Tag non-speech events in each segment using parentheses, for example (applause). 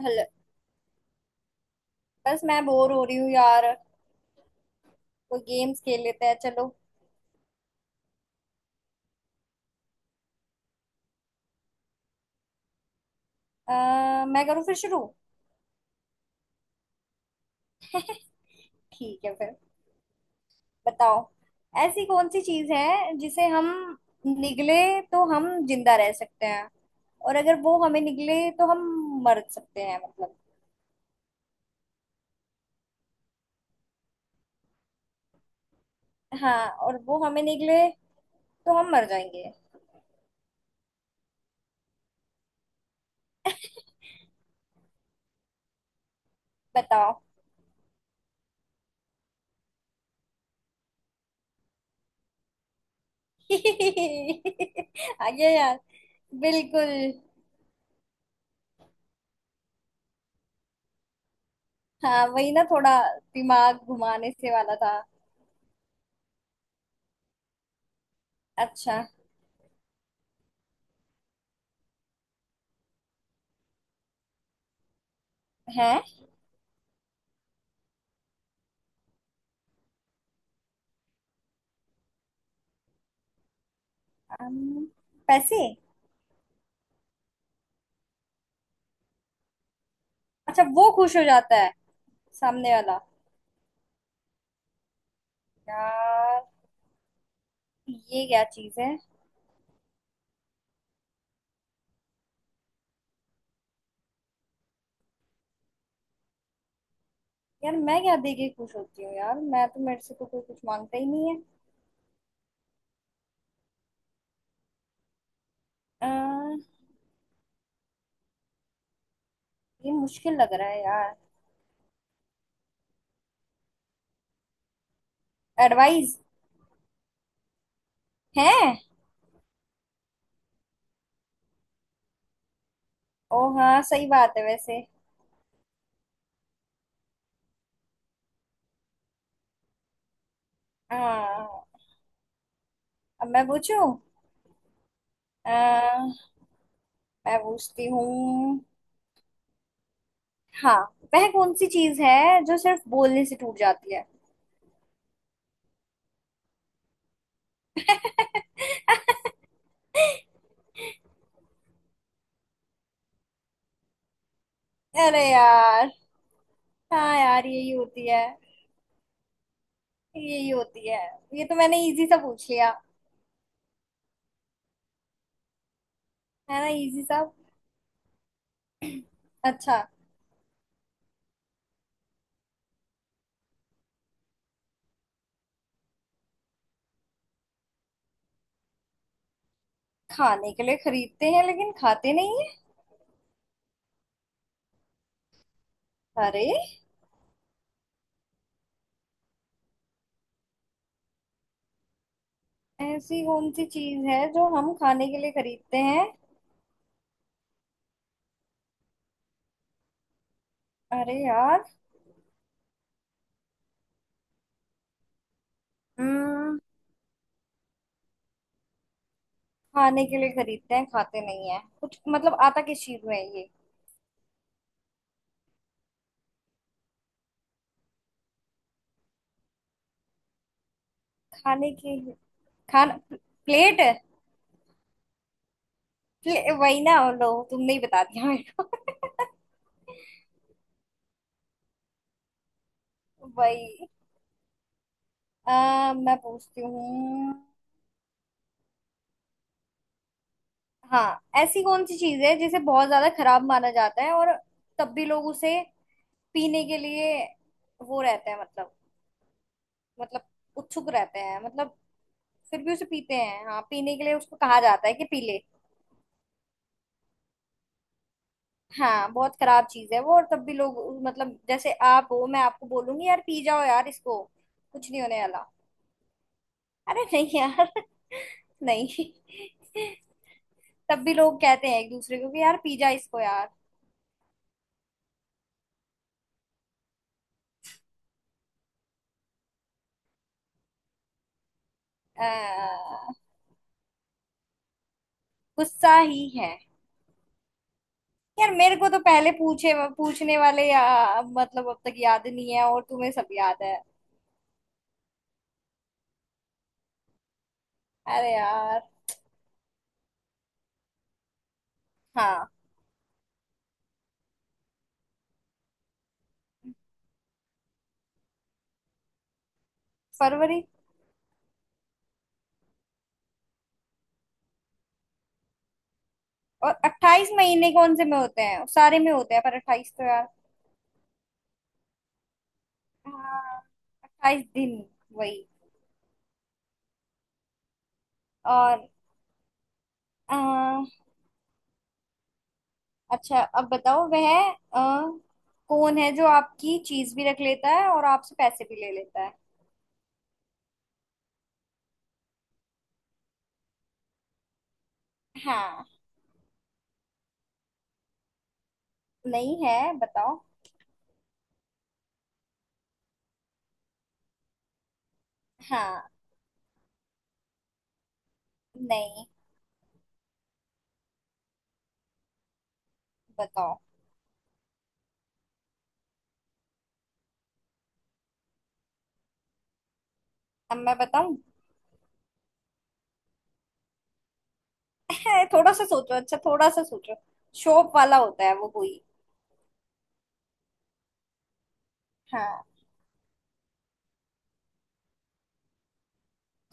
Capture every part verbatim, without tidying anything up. Hello. बस मैं bore हो रही हूँ यार। कोई गेम्स खेल लेते हैं, चलो। आ, मैं करूँ फिर शुरू? ठीक है फिर, बताओ। ऐसी कौन सी चीज़ है जिसे हम निगले तो हम जिंदा रह सकते हैं, और अगर वो हमें निगले तो हम मर सकते हैं मतलब। हाँ, और वो हमें निगले तो हम मर जाएंगे। बताओ। (laughs) आ गया यार। बिल्कुल। हाँ वही ना, थोड़ा दिमाग घुमाने से वाला था। अच्छा। है। अम, पैसे। अच्छा, वो खुश हो जाता है सामने वाला। यार ये क्या चीज है? यार मैं क्या दे के खुश होती हूँ, यार मैं तो, मेरे से तो कोई कुछ मांगता ही नहीं है। अ, ये मुश्किल लग रहा है यार। एडवाइस। है। ओ हाँ, सही बात है वैसे। हाँ, अब मैं पूछूं? अ, मैं पूछती हूँ। हाँ। वह कौन सी चीज है जो सिर्फ बोलने से टूट जाती है? अरे यार। हाँ यार, यही होती है। यही होती है। ये तो मैंने इजी सा पूछ लिया। है ना इजी सा। अच्छा। खाने के लिए खरीदते हैं लेकिन खाते नहीं है? अरे। ऐसी कौन सी चीज है जो हम खाने के लिए खरीदते हैं? अरे यार। हम्म खाने के लिए खरीदते हैं खाते नहीं है, कुछ मतलब आता किस चीज में है ये? खाने के, खाना प्लेट है। प्ले, वही ना, लो तुमने ही बता दिया मेरे को। वही। आ, मैं पूछती हूँ। हाँ। ऐसी कौन सी चीज है जिसे बहुत ज्यादा खराब माना जाता है, और तब भी लोग उसे पीने के लिए वो रहते हैं मतलब, मतलब उत्सुक रहते हैं मतलब। फिर भी उसे पीते हैं, हाँ पीने के लिए उसको कहा जाता है कि पी ले। हाँ बहुत खराब चीज है वो, और तब भी लोग, मतलब जैसे आप हो, मैं आपको बोलूंगी यार पी जाओ यार इसको, कुछ नहीं होने वाला। अरे नहीं यार। (laughs) नहीं। तब भी लोग कहते हैं एक दूसरे को कि यार पी जा इसको यार। अ, गुस्सा ही है। यार मेरे को तो पहले पूछे पूछने वाले, या, मतलब अब तक याद नहीं है और तुम्हें सब याद है। अरे यार। हाँ। फरवरी। और अट्ठाईस महीने कौन से में होते हैं, सारे में होते हैं पर अट्ठाईस तो यार। हाँ। अट्ठाईस दिन। वही। और अ, अच्छा अब बताओ, वह अ, कौन है जो आपकी चीज भी रख लेता है और आपसे पैसे भी ले लेता है? हाँ। नहीं है, बताओ। हाँ। नहीं। बताओ। अब मैं बताऊं? है, थोड़ा सा सोचो। अच्छा थोड़ा सा सोचो। शॉप वाला होता है वो कोई? हाँ।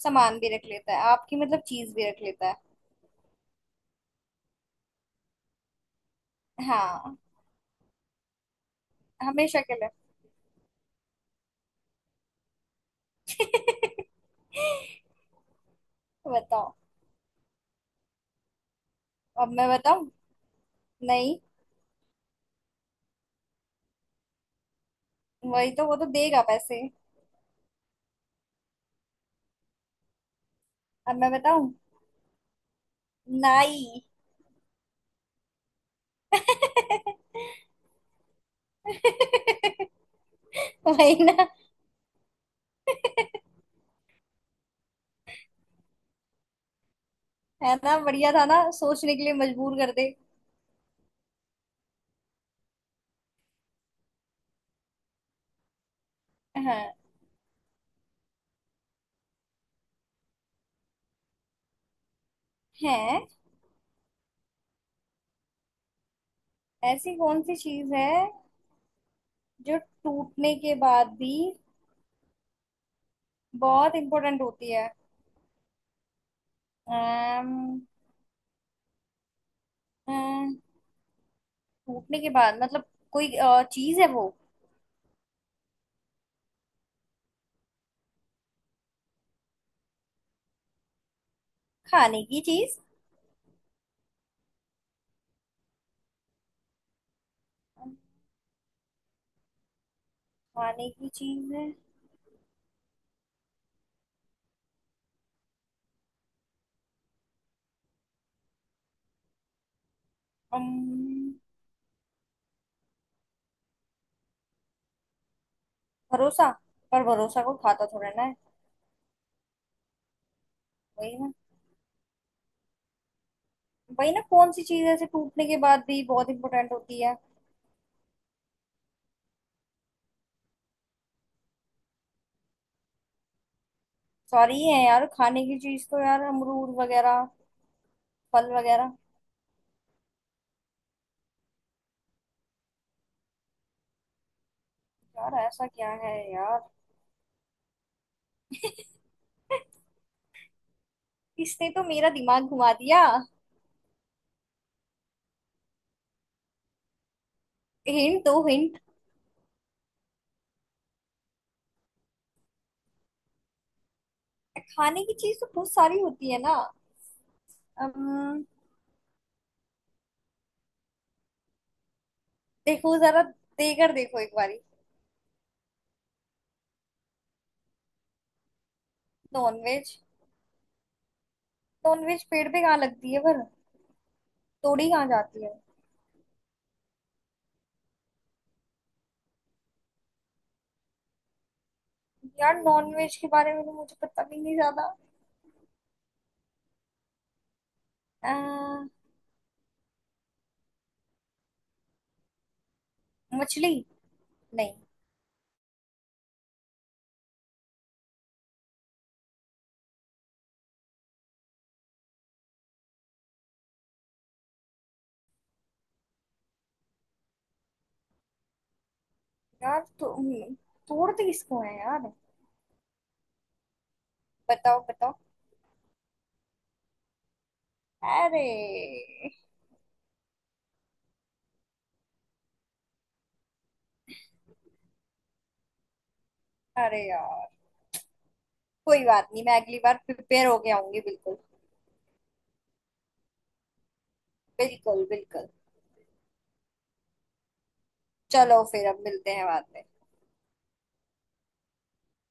सामान भी रख लेता है आपकी, मतलब चीज भी रख लेता है। हाँ। हमेशा के लिए। (laughs) बताओ। अब मैं बताऊं? नहीं। वही तो, वो तो देगा पैसे। अब मैं बताऊं? नाई। (laughs) वही ना। है ना, बढ़िया था ना, सोचने के लिए मजबूर कर दे। हाँ। है। ऐसी कौन सी चीज है जो टूटने के बाद भी बहुत इंपॉर्टेंट होती है? अम्म, अम्म, टूटने के बाद मतलब, कोई अ, चीज है वो? खाने की चीज खाने की चीज है? अम्म, भरोसा। पर भरोसा को खाता थोड़ा ना है। वही ना। वही ना, कौन सी चीज ऐसे टूटने के बाद भी बहुत इंपॉर्टेंट होती है? सॉरी है यार, खाने की चीज तो यार अमरूद वगैरह, फल वगैरह? यार ऐसा क्या है यार। इसने तो मेरा दिमाग घुमा दिया। हिंट दो हिंट। खाने की चीज तो बहुत सारी होती है ना। Um, देखो जरा, देकर देखो एक बारी। नॉनवेज? नॉनवेज पेड़ पे कहाँ लगती है पर? तोड़ी कहाँ जाती है? यार नॉनवेज के बारे में तो मुझे पता भी नहीं ज्यादा। अह, मछली? नहीं। यार तो हम्म, तोड़ते किसको है यार? बताओ बताओ। अरे। अरे यार, कोई बात नहीं, मैं अगली बार प्रिपेयर होके आऊंगी। बिल्कुल। बिल्कुल बिल्कुल। चलो फिर, अब मिलते हैं बाद में।